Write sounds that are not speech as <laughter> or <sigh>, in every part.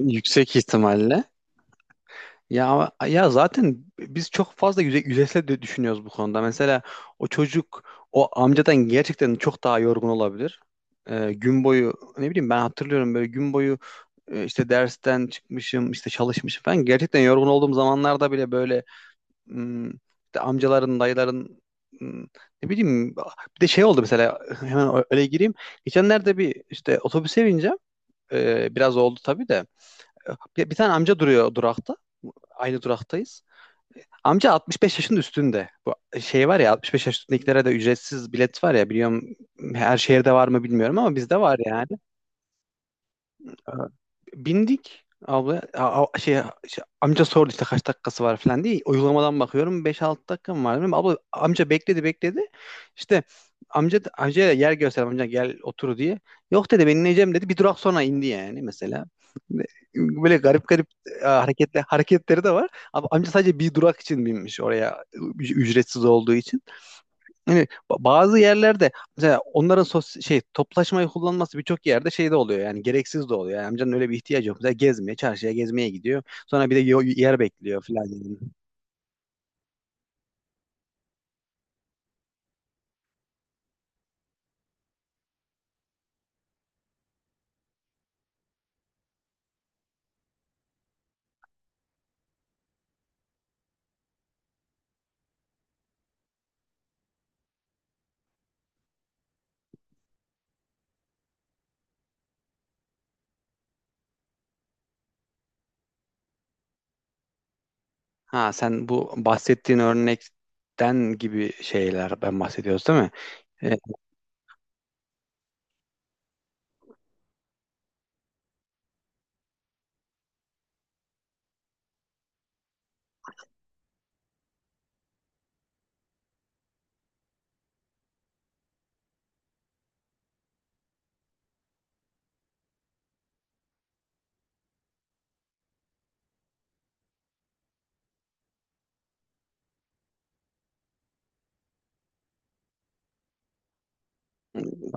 Yüksek ihtimalle. Ya ya zaten biz çok fazla yüzeysel de düşünüyoruz bu konuda. Mesela o çocuk o amcadan gerçekten çok daha yorgun olabilir. Gün boyu ne bileyim ben hatırlıyorum böyle gün boyu işte dersten çıkmışım işte çalışmışım falan. Gerçekten yorgun olduğum zamanlarda bile böyle işte amcaların dayıların hmm, ne bileyim bir de şey oldu mesela <laughs> hemen öyle gireyim. Geçenlerde bir işte otobüse bineceğim. Biraz oldu tabii de. Bir tane amca duruyor durakta. Aynı duraktayız. Amca 65 yaşın üstünde. Bu şey var ya 65 yaş üstündekilere de ücretsiz bilet var ya biliyorum, her şehirde var mı bilmiyorum ama bizde var yani. Ee, Bindik abla amca sordu işte kaç dakikası var falan diye uygulamadan bakıyorum beş 6 dakika mı var dedim. Abla amca bekledi bekledi. İşte amca amcaya yer gösterdim amca gel otur diye. Yok dedi ben ineceğim dedi. Bir durak sonra indi yani mesela. Böyle garip garip hareketleri de var. Ama amca sadece bir durak için binmiş oraya ücretsiz olduğu için. Yani bazı yerlerde mesela onların şey toplaşmayı kullanması birçok yerde şey de oluyor yani gereksiz de oluyor. Yani amcanın öyle bir ihtiyacı yok. Mesela gezmeye, çarşıya gezmeye gidiyor. Sonra bir de yer bekliyor falan yani. Ha sen bu bahsettiğin örnekten gibi şeyler ben bahsediyoruz değil mi? E,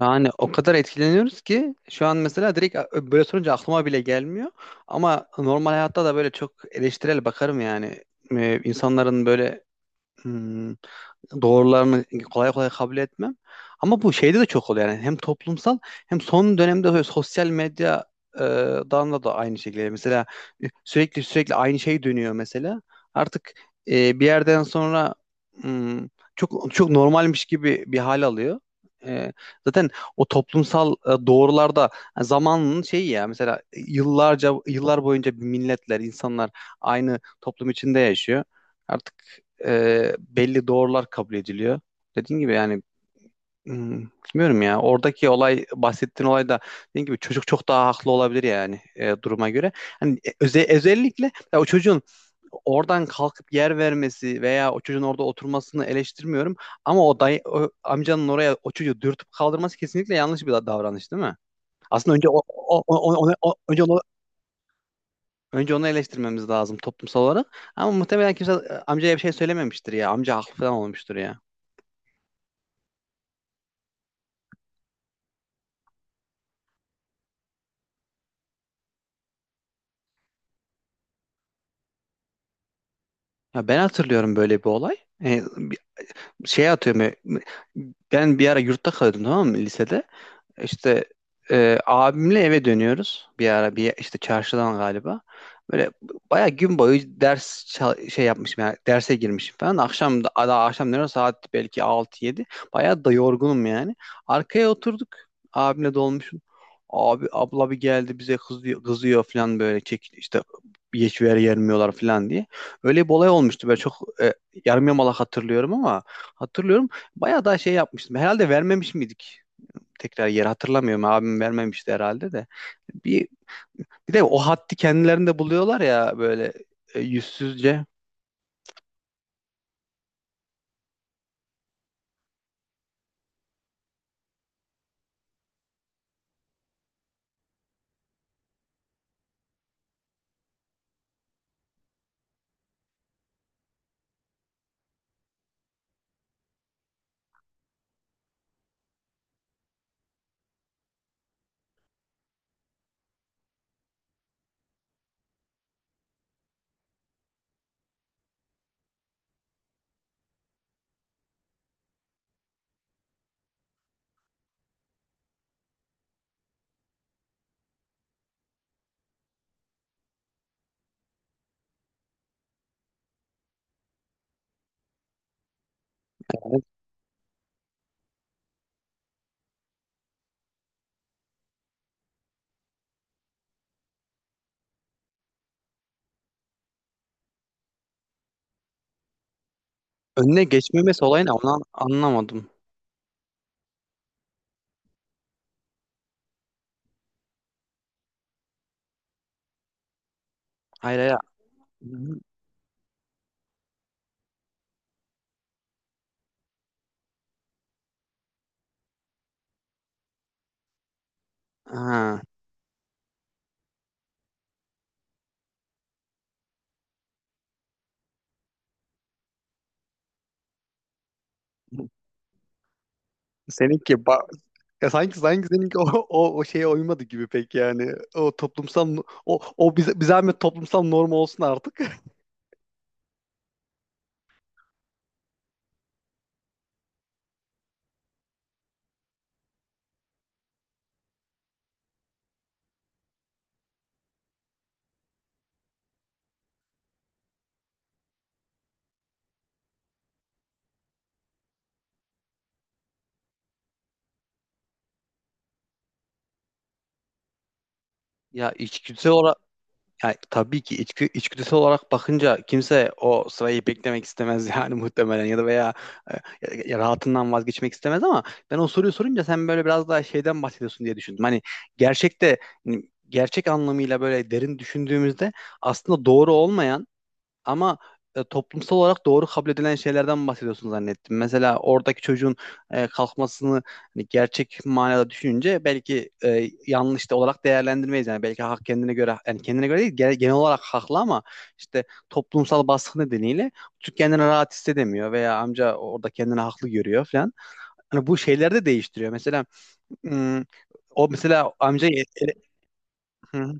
Yani o kadar etkileniyoruz ki şu an mesela direkt böyle sorunca aklıma bile gelmiyor. Ama normal hayatta da böyle çok eleştirel bakarım yani. İnsanların böyle hmm, doğrularını kolay kolay kabul etmem. Ama bu şeyde de çok oluyor yani hem toplumsal hem son dönemde sosyal medya e, dan da aynı şekilde. Mesela sürekli sürekli aynı şey dönüyor mesela. Artık bir yerden sonra hmm, çok çok normalmiş gibi bir hal alıyor. E, Zaten o toplumsal doğrularda yani zamanın şeyi ya mesela yıllarca yıllar boyunca bir milletler insanlar aynı toplum içinde yaşıyor. Artık belli doğrular kabul ediliyor. Dediğim gibi yani hmm, bilmiyorum ya oradaki olay bahsettiğin olay da dediğim gibi çocuk çok daha haklı olabilir yani duruma göre. Hani özellikle ya o çocuğun oradan kalkıp yer vermesi veya o çocuğun orada oturmasını eleştirmiyorum, ama o dayı o amcanın oraya o çocuğu dürtüp kaldırması kesinlikle yanlış bir davranış değil mi? Aslında önce o, o- o- onu- o- önce onu önce onu eleştirmemiz lazım toplumsal olarak. Ama muhtemelen kimse amcaya bir şey söylememiştir ya. Amca haklı falan olmuştur ya. Ya ben hatırlıyorum böyle bir olay. Bir şey atıyorum. E, Ben bir ara yurtta kalıyordum, tamam mı, lisede. İşte abimle eve dönüyoruz bir ara bir işte çarşıdan galiba. Böyle bayağı gün boyu şey yapmışım yani derse girmişim falan. Akşam da daha akşam ne saat belki altı yedi. Bayağı da yorgunum yani. Arkaya oturduk. Abimle dolmuşum. Abi abla bir geldi bize kızıyor, kızıyor falan böyle çek işte geç ver yermiyorlar falan diye. Öyle bir olay olmuştu. Böyle çok yarım yamalak hatırlıyorum ama hatırlıyorum. Bayağı da şey yapmıştım. Herhalde vermemiş miydik? Tekrar yeri hatırlamıyorum. Abim vermemişti herhalde de. Bir, bir de o haddi kendilerinde buluyorlar ya böyle yüzsüzce. Önüne geçmemesi olayını onu anlamadım. Hayır hayır. Ha. Seninki ba- Ya sanki seninki <laughs> o o şeye uymadı gibi pek yani. O toplumsal o o bize zahmet toplumsal norm olsun artık. <laughs> Ya içgüdüsel olarak, yani tabii ki içgüdüsel olarak bakınca kimse o sırayı beklemek istemez yani <laughs> muhtemelen ya da veya e, ya rahatından vazgeçmek istemez, ama ben o soruyu sorunca sen böyle biraz daha şeyden bahsediyorsun diye düşündüm. Hani gerçekte hani gerçek anlamıyla böyle derin düşündüğümüzde aslında doğru olmayan ama toplumsal olarak doğru kabul edilen şeylerden bahsediyorsun zannettim. Mesela oradaki çocuğun kalkmasını hani gerçek manada düşününce belki yanlış da olarak değerlendirmeyiz. Yani belki hak kendine göre yani kendine göre değil genel olarak haklı ama işte toplumsal baskı nedeniyle çocuk kendini rahat hissedemiyor veya amca orada kendini haklı görüyor falan. Hani bu şeyler de değiştiriyor. Mesela hmm, o mesela amca hı.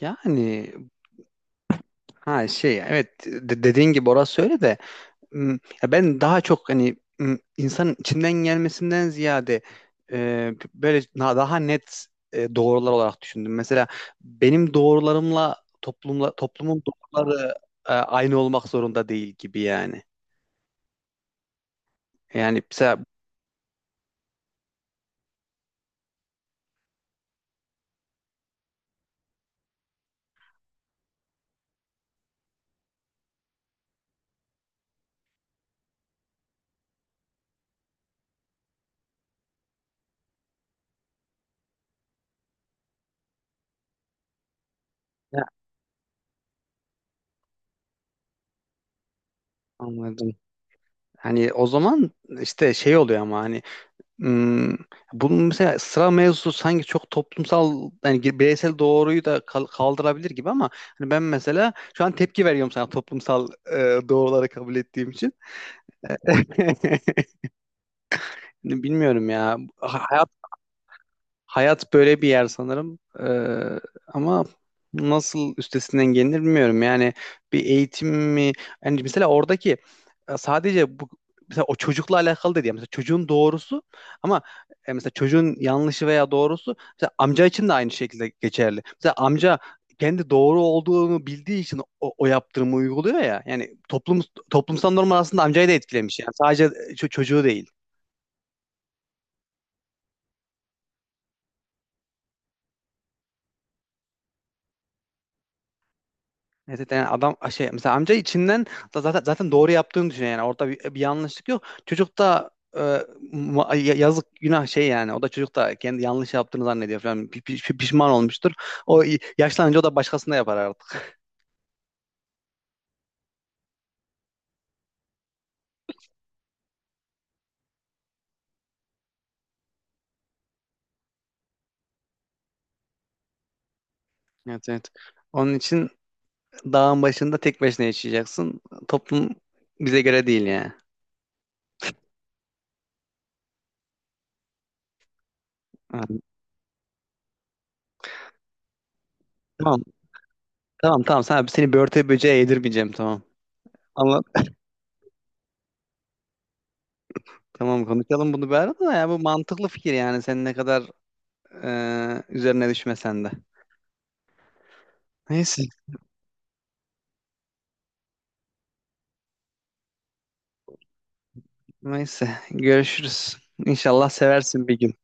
Yani ha şey evet dediğin gibi orası öyle de. Hmm, Ya ben daha çok hani insanın içinden gelmesinden ziyade böyle daha net doğrular olarak düşündüm. Mesela benim doğrularımla toplumun doğruları aynı olmak zorunda değil gibi yani. Yani mesela Ya, anladım. Hani o zaman işte şey oluyor ama hani Hmm, bunun mesela sıra mevzusu sanki çok toplumsal yani bireysel doğruyu da kaldırabilir gibi, ama hani ben mesela şu an tepki veriyorum sana toplumsal doğruları kabul ettiğim için. <laughs> Bilmiyorum ya. Ha- Hayat böyle bir yer sanırım. Ama nasıl üstesinden gelinir bilmiyorum. Yani bir eğitim mi? Yani mesela oradaki sadece bu mesela o çocukla alakalı dedi ya. Mesela çocuğun doğrusu, ama mesela çocuğun yanlışı veya doğrusu mesela amca için de aynı şekilde geçerli. Mesela amca kendi doğru olduğunu bildiği için o yaptırımı uyguluyor ya. Yani toplumsal norm aslında amcayı da etkilemiş. Yani sadece çocuğu değil. Evet evet, yani adam şey mesela amca içinden da zaten doğru yaptığını düşünüyor yani orada bir yanlışlık yok. Çocuk da yazık günah şey yani o da çocuk da kendi yanlış yaptığını zannediyor falan. Pişman olmuştur. Yaşlanınca o da başkasına yapar artık. Evet evet. Onun için dağın başında tek başına yaşayacaksın. Toplum bize göre değil yani. Ha, tamam tamam tamam sen, seni börte böceğe yedirmeyeceğim, tamam. Anlat. Tamam konuşalım bunu bir arada, da ya bu mantıklı fikir yani sen ne kadar üzerine düşme sen de. Neyse, Neyse. Görüşürüz. İnşallah seversin bir gün.